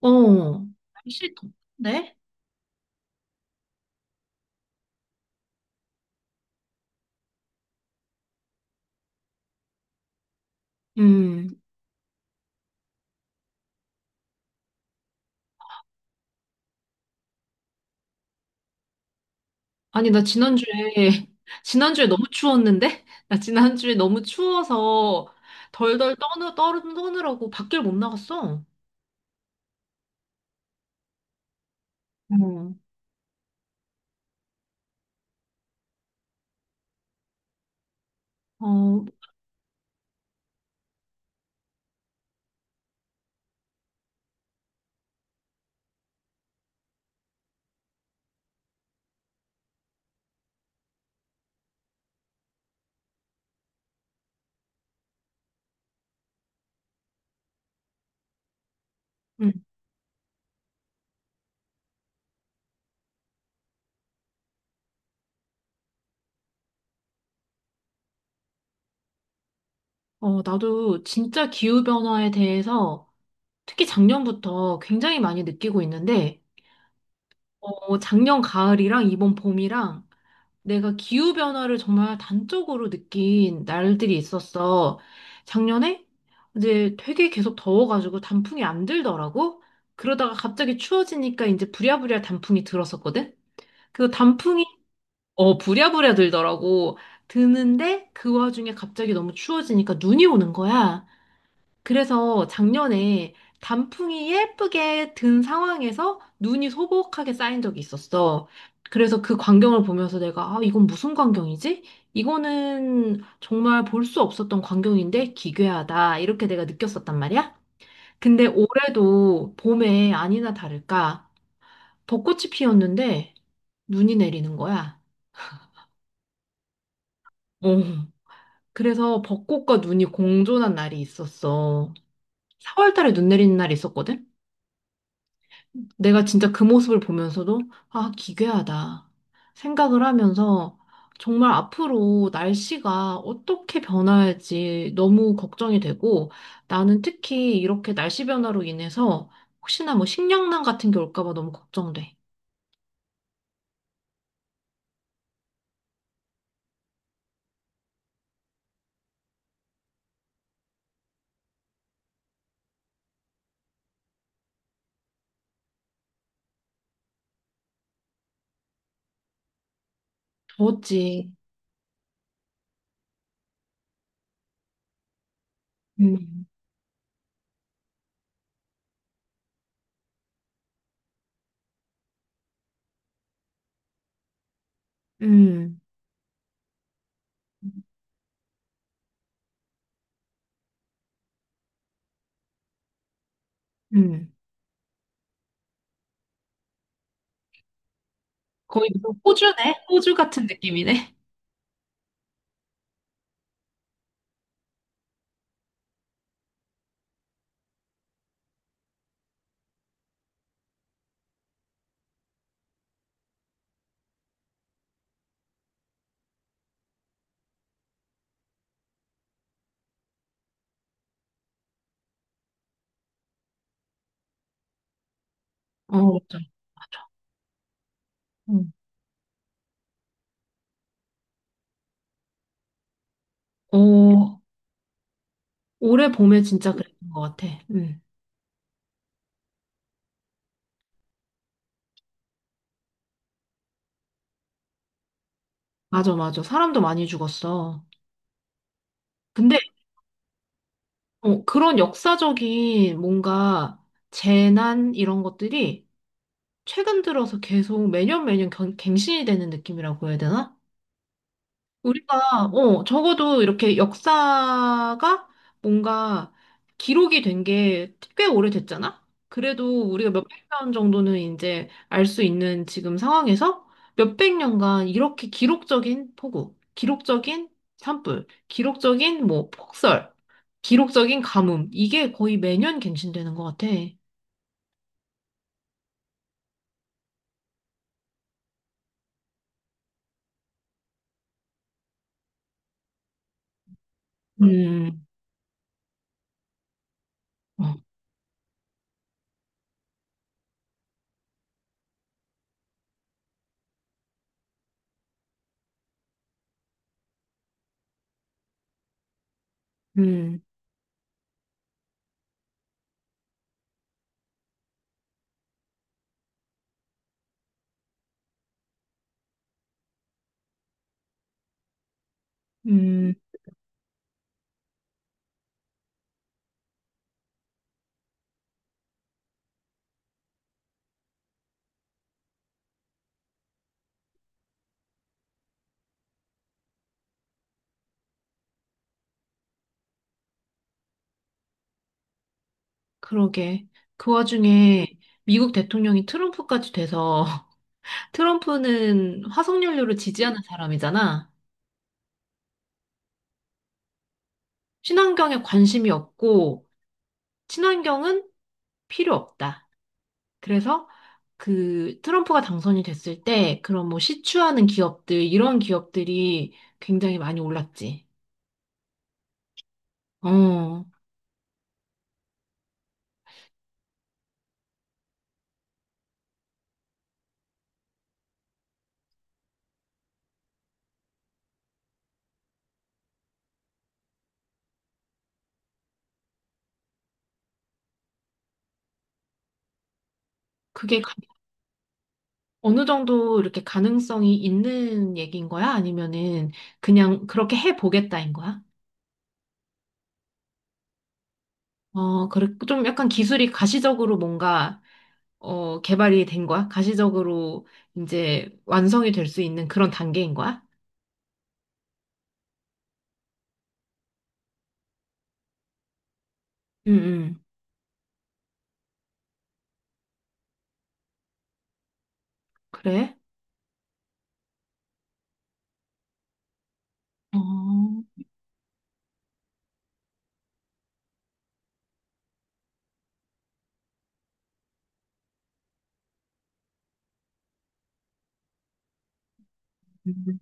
어, 날씨 덥네? 음. 아니, 나 지난주에, 지난주에 너무 추웠는데? 나 지난주에 너무 추워서 덜덜 떠느라고 밖을 못 나갔어. 어, 어, 음. 나도 진짜 기후변화에 대해서 특히 작년부터 굉장히 많이 느끼고 있는데, 작년 가을이랑 이번 봄이랑 내가 기후변화를 정말 단적으로 느낀 날들이 있었어. 작년에 이제 되게 계속 더워가지고 단풍이 안 들더라고. 그러다가 갑자기 추워지니까 이제 부랴부랴 단풍이 들었었거든. 그 단풍이, 부랴부랴 들더라고. 드는데 그 와중에 갑자기 너무 추워지니까 눈이 오는 거야. 그래서 작년에 단풍이 예쁘게 든 상황에서 눈이 소복하게 쌓인 적이 있었어. 그래서 그 광경을 보면서 내가, 아, 이건 무슨 광경이지? 이거는 정말 볼 수 없었던 광경인데 기괴하다. 이렇게 내가 느꼈었단 말이야. 근데 올해도 봄에 아니나 다를까 벚꽃이 피었는데 눈이 내리는 거야. 어. 그래서 벚꽃과 눈이 공존한 날이 있었어. 4월달에 눈 내리는 날이 있었거든. 내가 진짜 그 모습을 보면서도, 아, 기괴하다. 생각을 하면서 정말 앞으로 날씨가 어떻게 변할지 너무 걱정이 되고 나는 특히 이렇게 날씨 변화로 인해서 혹시나 뭐 식량난 같은 게 올까 봐 너무 걱정돼. 더웠지. 음, 음, 음. 거의 무슨 호주네? 호주 같은 느낌이네. 어, 맞아. 맞아. 음. 어, 올해 봄에 진짜 그랬던 것 같아. 음. 맞아, 맞아. 사람도 많이 죽었어. 근데 그런 역사적인 뭔가 재난 이런 것들이 최근 들어서 계속 매년 매년 갱신이 되는 느낌이라고 해야 되나? 우리가, 적어도 이렇게 역사가 뭔가 기록이 된 게 꽤 오래됐잖아? 그래도 우리가 몇백 년 정도는 이제 알 수 있는 지금 상황에서 몇백 년간 이렇게 기록적인 폭우, 기록적인 산불, 기록적인 뭐 폭설, 기록적인 가뭄, 이게 거의 매년 갱신되는 것 같아. 음, 어, 음, 음, 그러게. 그 와중에 미국 대통령이 트럼프까지 돼서 트럼프는 화석연료를 지지하는 사람이잖아. 친환경에 관심이 없고, 친환경은 필요 없다. 그래서 그 트럼프가 당선이 됐을 때, 그런 뭐 시추하는 기업들, 이런 기업들이 굉장히 많이 올랐지. 어, 그게 어느 정도 이렇게 가능성이 있는 얘기인 거야? 아니면은 그냥 그렇게 해보겠다인 거야? 어, 그래, 좀 약간 기술이 가시적으로 뭔가 개발이 된 거야? 가시적으로 이제 완성이 될 수 있는 그런 단계인 거야? 응, 응. 그래? 어, 음,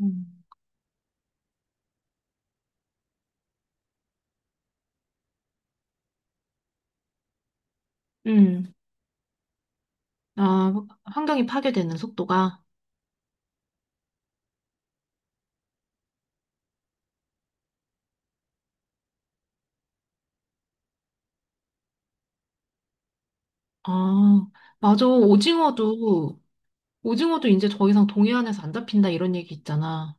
음. 음. 아, 환경이 파괴되는 속도가. 아, 맞아. 오징어도 이제 더 이상 동해안에서 안 잡힌다 이런 얘기 있잖아.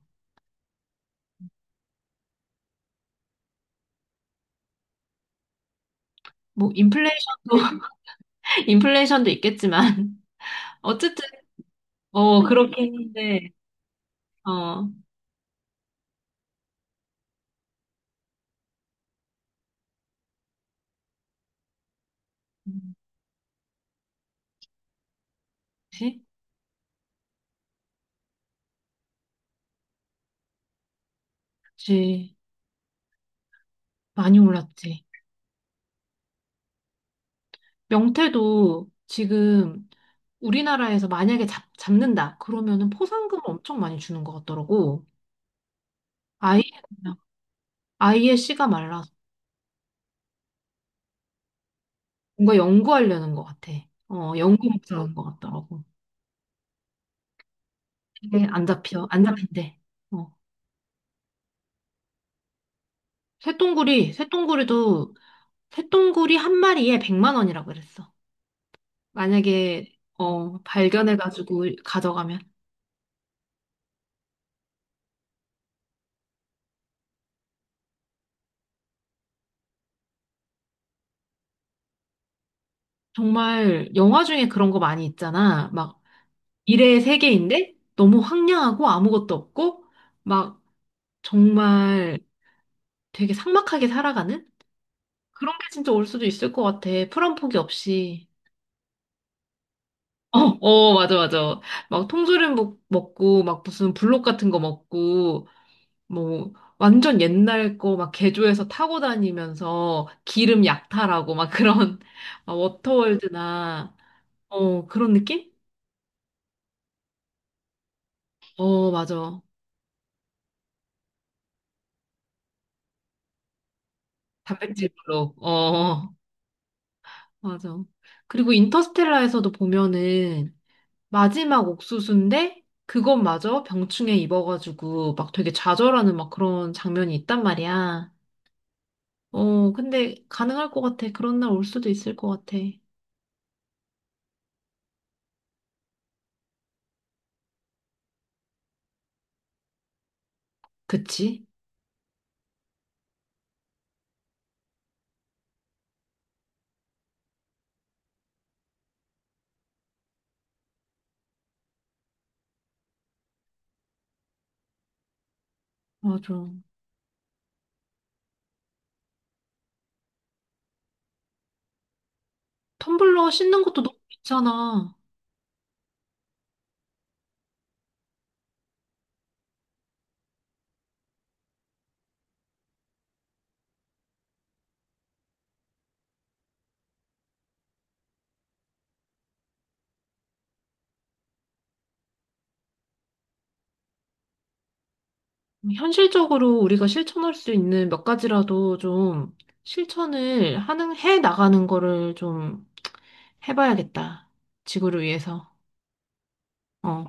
뭐, 인플레이션도, 인플레이션도 있겠지만. 어쨌든, 그렇긴 한데, 어. 그치? 그치. 많이 올랐지. 명태도 지금 우리나라에서 만약에 잡는다 그러면은 포상금을 엄청 많이 주는 것 같더라고. 아예 그냥 아예 씨가 말라서 뭔가 연구하려는 것 같아. 연구 목적인 것 같더라고. 근데 안 잡힌대. 어. 쇠똥구리도 쇠똥구리 한 마리에 100만 원이라고 그랬어. 만약에 발견해가지고 가져가면 정말 영화 중에 그런 거 많이 있잖아. 막 미래의 세계인데 너무 황량하고 아무것도 없고 막 정말 되게 삭막하게 살아가는? 그런 게 진짜 올 수도 있을 것 같아. 풀한 포기 없이. 어, 어, 맞아, 맞아. 막 통조림 먹고, 막 무슨 블록 같은 거 먹고, 뭐, 완전 옛날 거 막 개조해서 타고 다니면서 기름 약탈하고, 막 그런, 막 워터월드나, 어, 그런 느낌? 어, 맞아. 단백질 블록. 어, 맞아. 그리고 인터스텔라에서도 보면은, 마지막 옥수수인데 그것마저 병충해 입어가지고 막 되게 좌절하는 막 그런 장면이 있단 말이야. 어, 근데 가능할 것 같아. 그런 날 올 수도 있을 것 같아. 그치? 맞아. 텀블러 씻는 것도 너무 귀찮아. 현실적으로 우리가 실천할 수 있는 몇 가지라도 좀 실천을 하는, 해 나가는 거를 좀 해봐야겠다. 지구를 위해서. 어,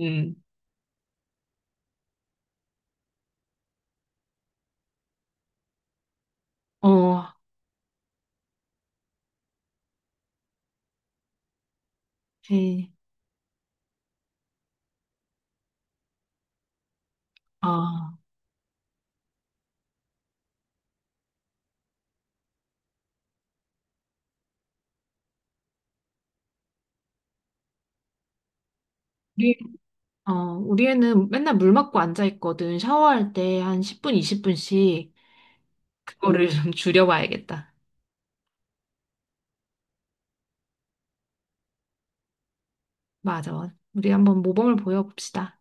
응. 어, 네. 아. 어, 우리 애는 맨날 물 맞고 앉아 있거든. 샤워할 때 한 10분, 20분씩 그거를 좀 줄여봐야겠다. 맞아. 우리 한번 모범을 보여봅시다.